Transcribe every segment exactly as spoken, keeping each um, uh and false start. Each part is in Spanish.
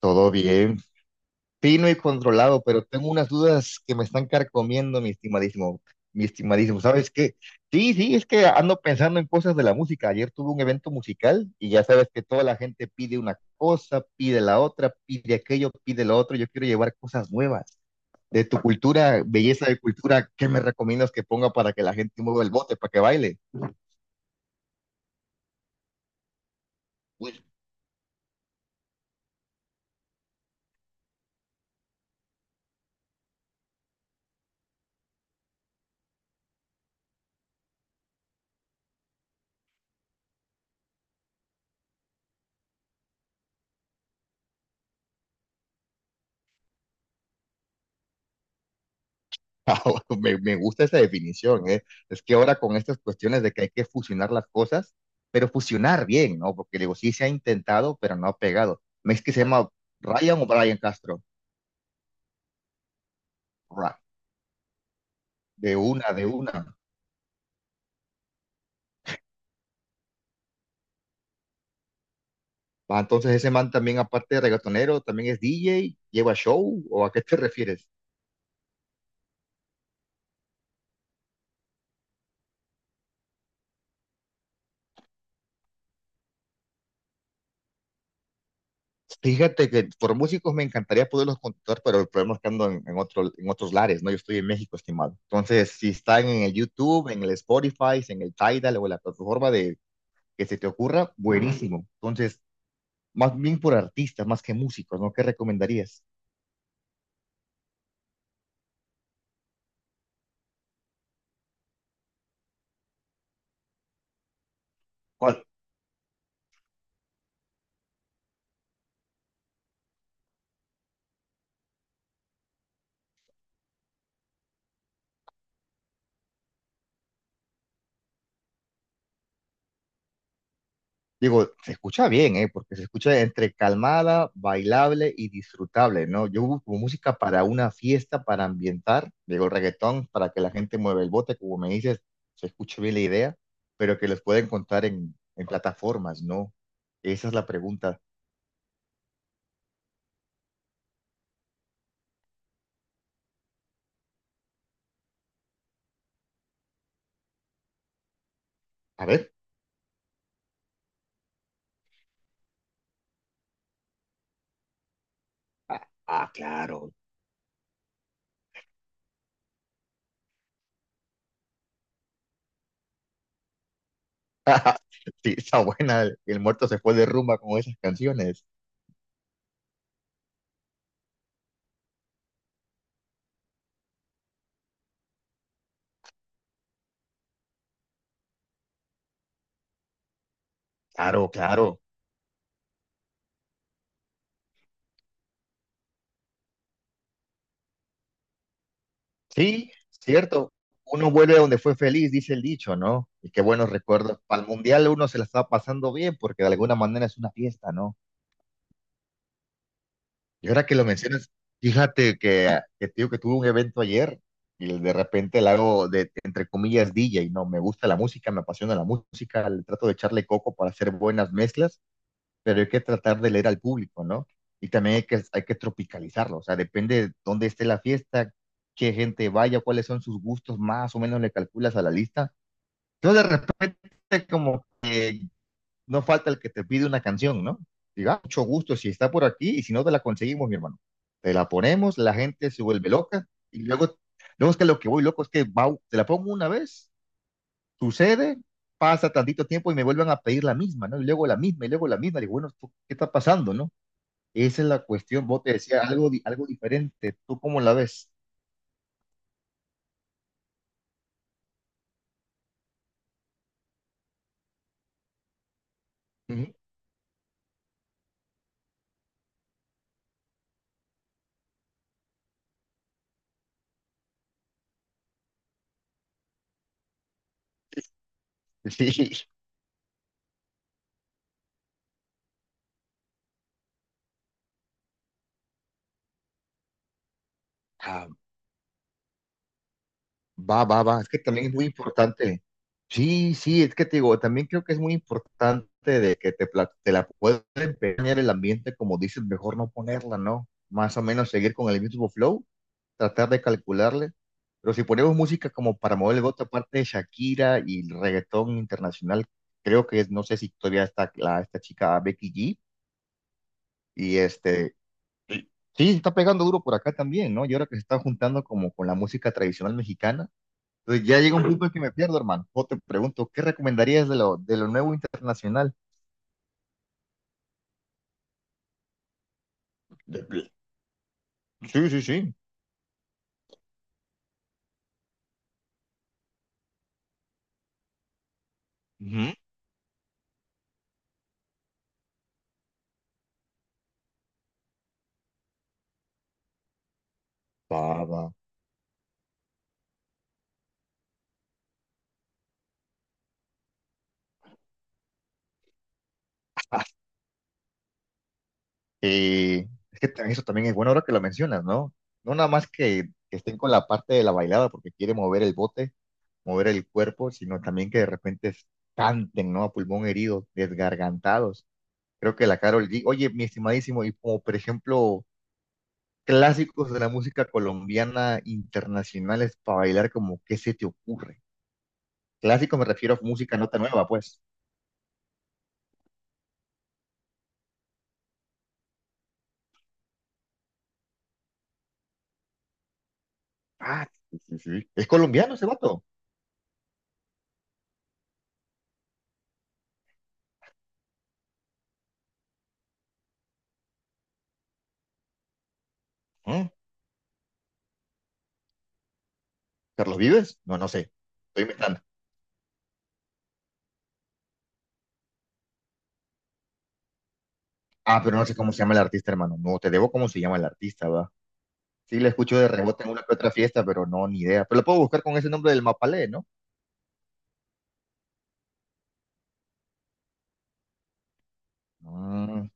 Todo bien, fino y controlado, pero tengo unas dudas que me están carcomiendo, mi estimadísimo, mi estimadísimo. ¿Sabes qué? Sí, sí, es que ando pensando en cosas de la música. Ayer tuve un evento musical y ya sabes que toda la gente pide una cosa, pide la otra, pide aquello, pide lo otro. Yo quiero llevar cosas nuevas de tu cultura, belleza de cultura. ¿Qué me recomiendas que ponga para que la gente mueva el bote, para que baile? Pues Me, me gusta esa definición, ¿eh? Es que ahora con estas cuestiones de que hay que fusionar las cosas, pero fusionar bien, ¿no? Porque digo, sí se ha intentado, pero no ha pegado. ¿Me es que se llama Ryan o Brian Castro? Ra- De una, de una. Ah, entonces ese man también, aparte de reggaetonero, también es D J, lleva show, ¿o a qué te refieres? Fíjate que por músicos me encantaría poderlos contactar, pero el problema es que ando en, en otro, en otros lares, ¿no? Yo estoy en México, estimado. Entonces, si están en el YouTube, en el Spotify, en el Tidal o en la plataforma de que se te ocurra, buenísimo. Entonces, más bien por artistas, más que músicos, ¿no? ¿Qué recomendarías? ¿Cuál? Digo, se escucha bien, ¿eh? Porque se escucha entre calmada, bailable y disfrutable, ¿no? Yo busco música para una fiesta, para ambientar, digo, reggaetón, para que la gente mueva el bote, como me dices, se escucha bien la idea, pero que los pueden contar en, en plataformas, ¿no? Esa es la pregunta. A ver, ah, ah, claro, sí, está buena, el, el muerto se fue de rumba con esas canciones. Claro, claro. Sí, cierto. Uno vuelve a donde fue feliz, dice el dicho, ¿no? Y qué buenos recuerdos. Para el mundial uno se la está pasando bien porque de alguna manera es una fiesta, ¿no? Y ahora que lo mencionas, fíjate que, ah, que tío que tuve un evento ayer y de repente la hago de, entre comillas, D J, ¿no? Me gusta la música, me apasiona la música, le trato de echarle coco para hacer buenas mezclas, pero hay que tratar de leer al público, ¿no? Y también hay que, hay que tropicalizarlo, o sea, depende de dónde esté la fiesta, qué gente vaya, cuáles son sus gustos, más o menos le calculas a la lista. Entonces, de repente, como no falta el que te pide una canción, ¿no? Diga, mucho gusto si está por aquí y si no te la conseguimos, mi hermano. Te la ponemos, la gente se vuelve loca y luego, luego es que lo que voy loco es que va, te la pongo una vez, sucede, pasa tantito tiempo y me vuelven a pedir la misma, ¿no? Y luego la misma y luego la misma. Digo, bueno, ¿tú ¿qué está pasando, no? Esa es la cuestión. Vos te decía algo, di- algo diferente. ¿Tú cómo la ves? Ujú. Sí. Ah, va, va, va. Es que también es muy importante. Sí, sí, es que te digo, también creo que es muy importante de que te, pla- te la puedes empeñar el ambiente, como dices, mejor no ponerla, ¿no? Más o menos seguir con el mismo flow, tratar de calcularle. Pero si ponemos música como para mover el voto, aparte de Shakira y el reggaetón internacional, creo que es, no sé si todavía está la, esta chica Becky G. Y este, sí, sí está pegando duro por acá también, ¿no? Y ahora que se está juntando como con la música tradicional mexicana, entonces ya llega un punto en que me pierdo, hermano. Yo te pregunto, ¿qué recomendarías de lo, de lo nuevo internacional? De pl- Sí, sí, sí. Ujú. Va, va. Eh, es que ta- eso también es bueno ahora que lo mencionas, ¿no? No nada más que, que estén con la parte de la bailada porque quiere mover el bote, mover el cuerpo, sino también que de repente canten, ¿no? A pulmón herido, desgargantados. Creo que la Karol G. Oye, mi estimadísimo, y como por ejemplo clásicos de la música colombiana internacionales para bailar, como ¿qué se te ocurre? Clásico me refiero a música nota nueva, pues. Ah, sí, sí, sí. ¿Es colombiano ese vato? ¿Mm? ¿Carlos Vives? No, no sé. Estoy inventando. Ah, pero no sé cómo se llama el artista, hermano. No, te debo cómo se llama el artista, va. Sí, le escucho de rebote en una que otra fiesta, pero no, ni idea. Pero lo puedo buscar con ese nombre del Mapalé, ¿no? Mm,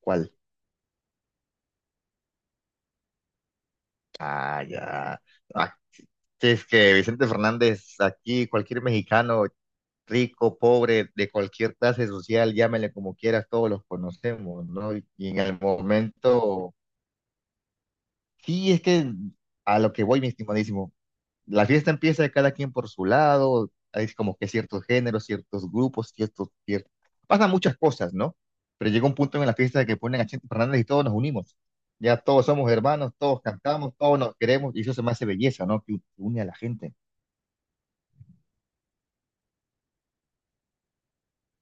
¿cuál? Ah, ya. Ah, sí, es que Vicente Fernández, aquí cualquier mexicano rico, pobre, de cualquier clase social, llámele como quieras, todos los conocemos, ¿no? Y en el momento, sí, es que a lo que voy, mi estimadísimo, la fiesta empieza de cada quien por su lado, hay como que ciertos géneros, ciertos grupos, ciertos, ciertos, pasan muchas cosas, ¿no? Pero llega un punto en la fiesta que ponen a Chente Fernández y todos nos unimos. Ya todos somos hermanos, todos cantamos, todos nos queremos, y eso se me hace belleza, ¿no? Que une a la gente.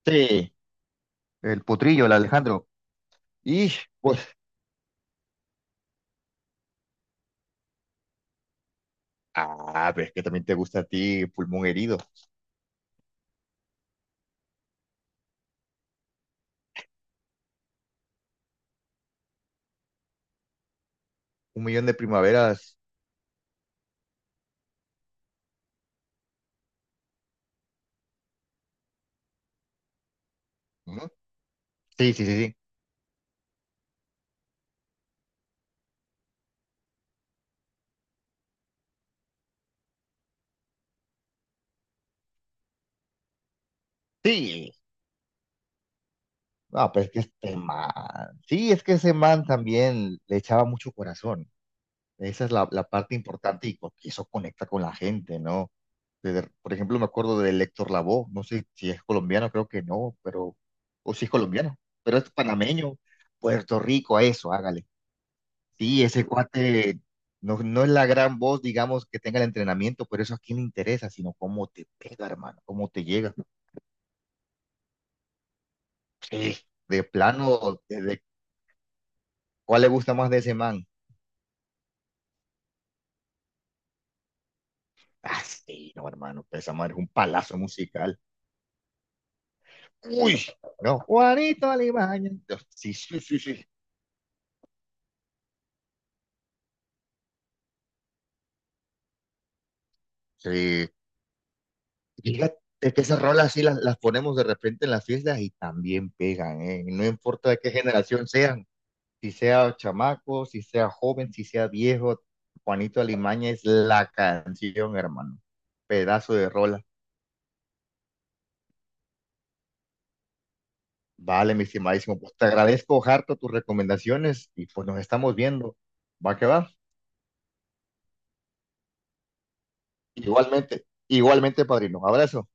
Sí, el potrillo, el Alejandro. Y pues, ah, pero es que también te gusta a ti Pulmón Herido. Un millón de primaveras. Ujú. Sí, sí, sí, sí. Sí. No, pero es que este man. Sí, es que ese man también le echaba mucho corazón. Esa es la, la parte importante y porque eso conecta con la gente, ¿no? De- por ejemplo, me acuerdo de Héctor Lavoe. No sé si es colombiano, creo que no, pero. O si es colombiano, pero es panameño. Puerto Rico, a eso, hágale. Sí, ese cuate no, no es la gran voz, digamos, que tenga el entrenamiento, pero eso a quién le interesa, sino cómo te pega, hermano, cómo te llega. Sí, de plano, de, de- ¿cuál le gusta más de ese man? Ah, sí, no, hermano, pues, esa madre es un palazo musical. Uy, no, Juanito Alimaña. No, sí, sí, sí, sí. Sí, fíjate que esas rolas sí las, las ponemos de repente en las fiestas y también pegan, ¿eh? No importa de qué generación sean. Si sea chamaco, si sea joven, si sea viejo, Juanito Alimaña es la canción, hermano. Pedazo de rola. Vale, mi estimadísimo. Pues te agradezco, Harto, tus recomendaciones y pues nos estamos viendo. Va que va. Igualmente, igualmente, padrino. Abrazo.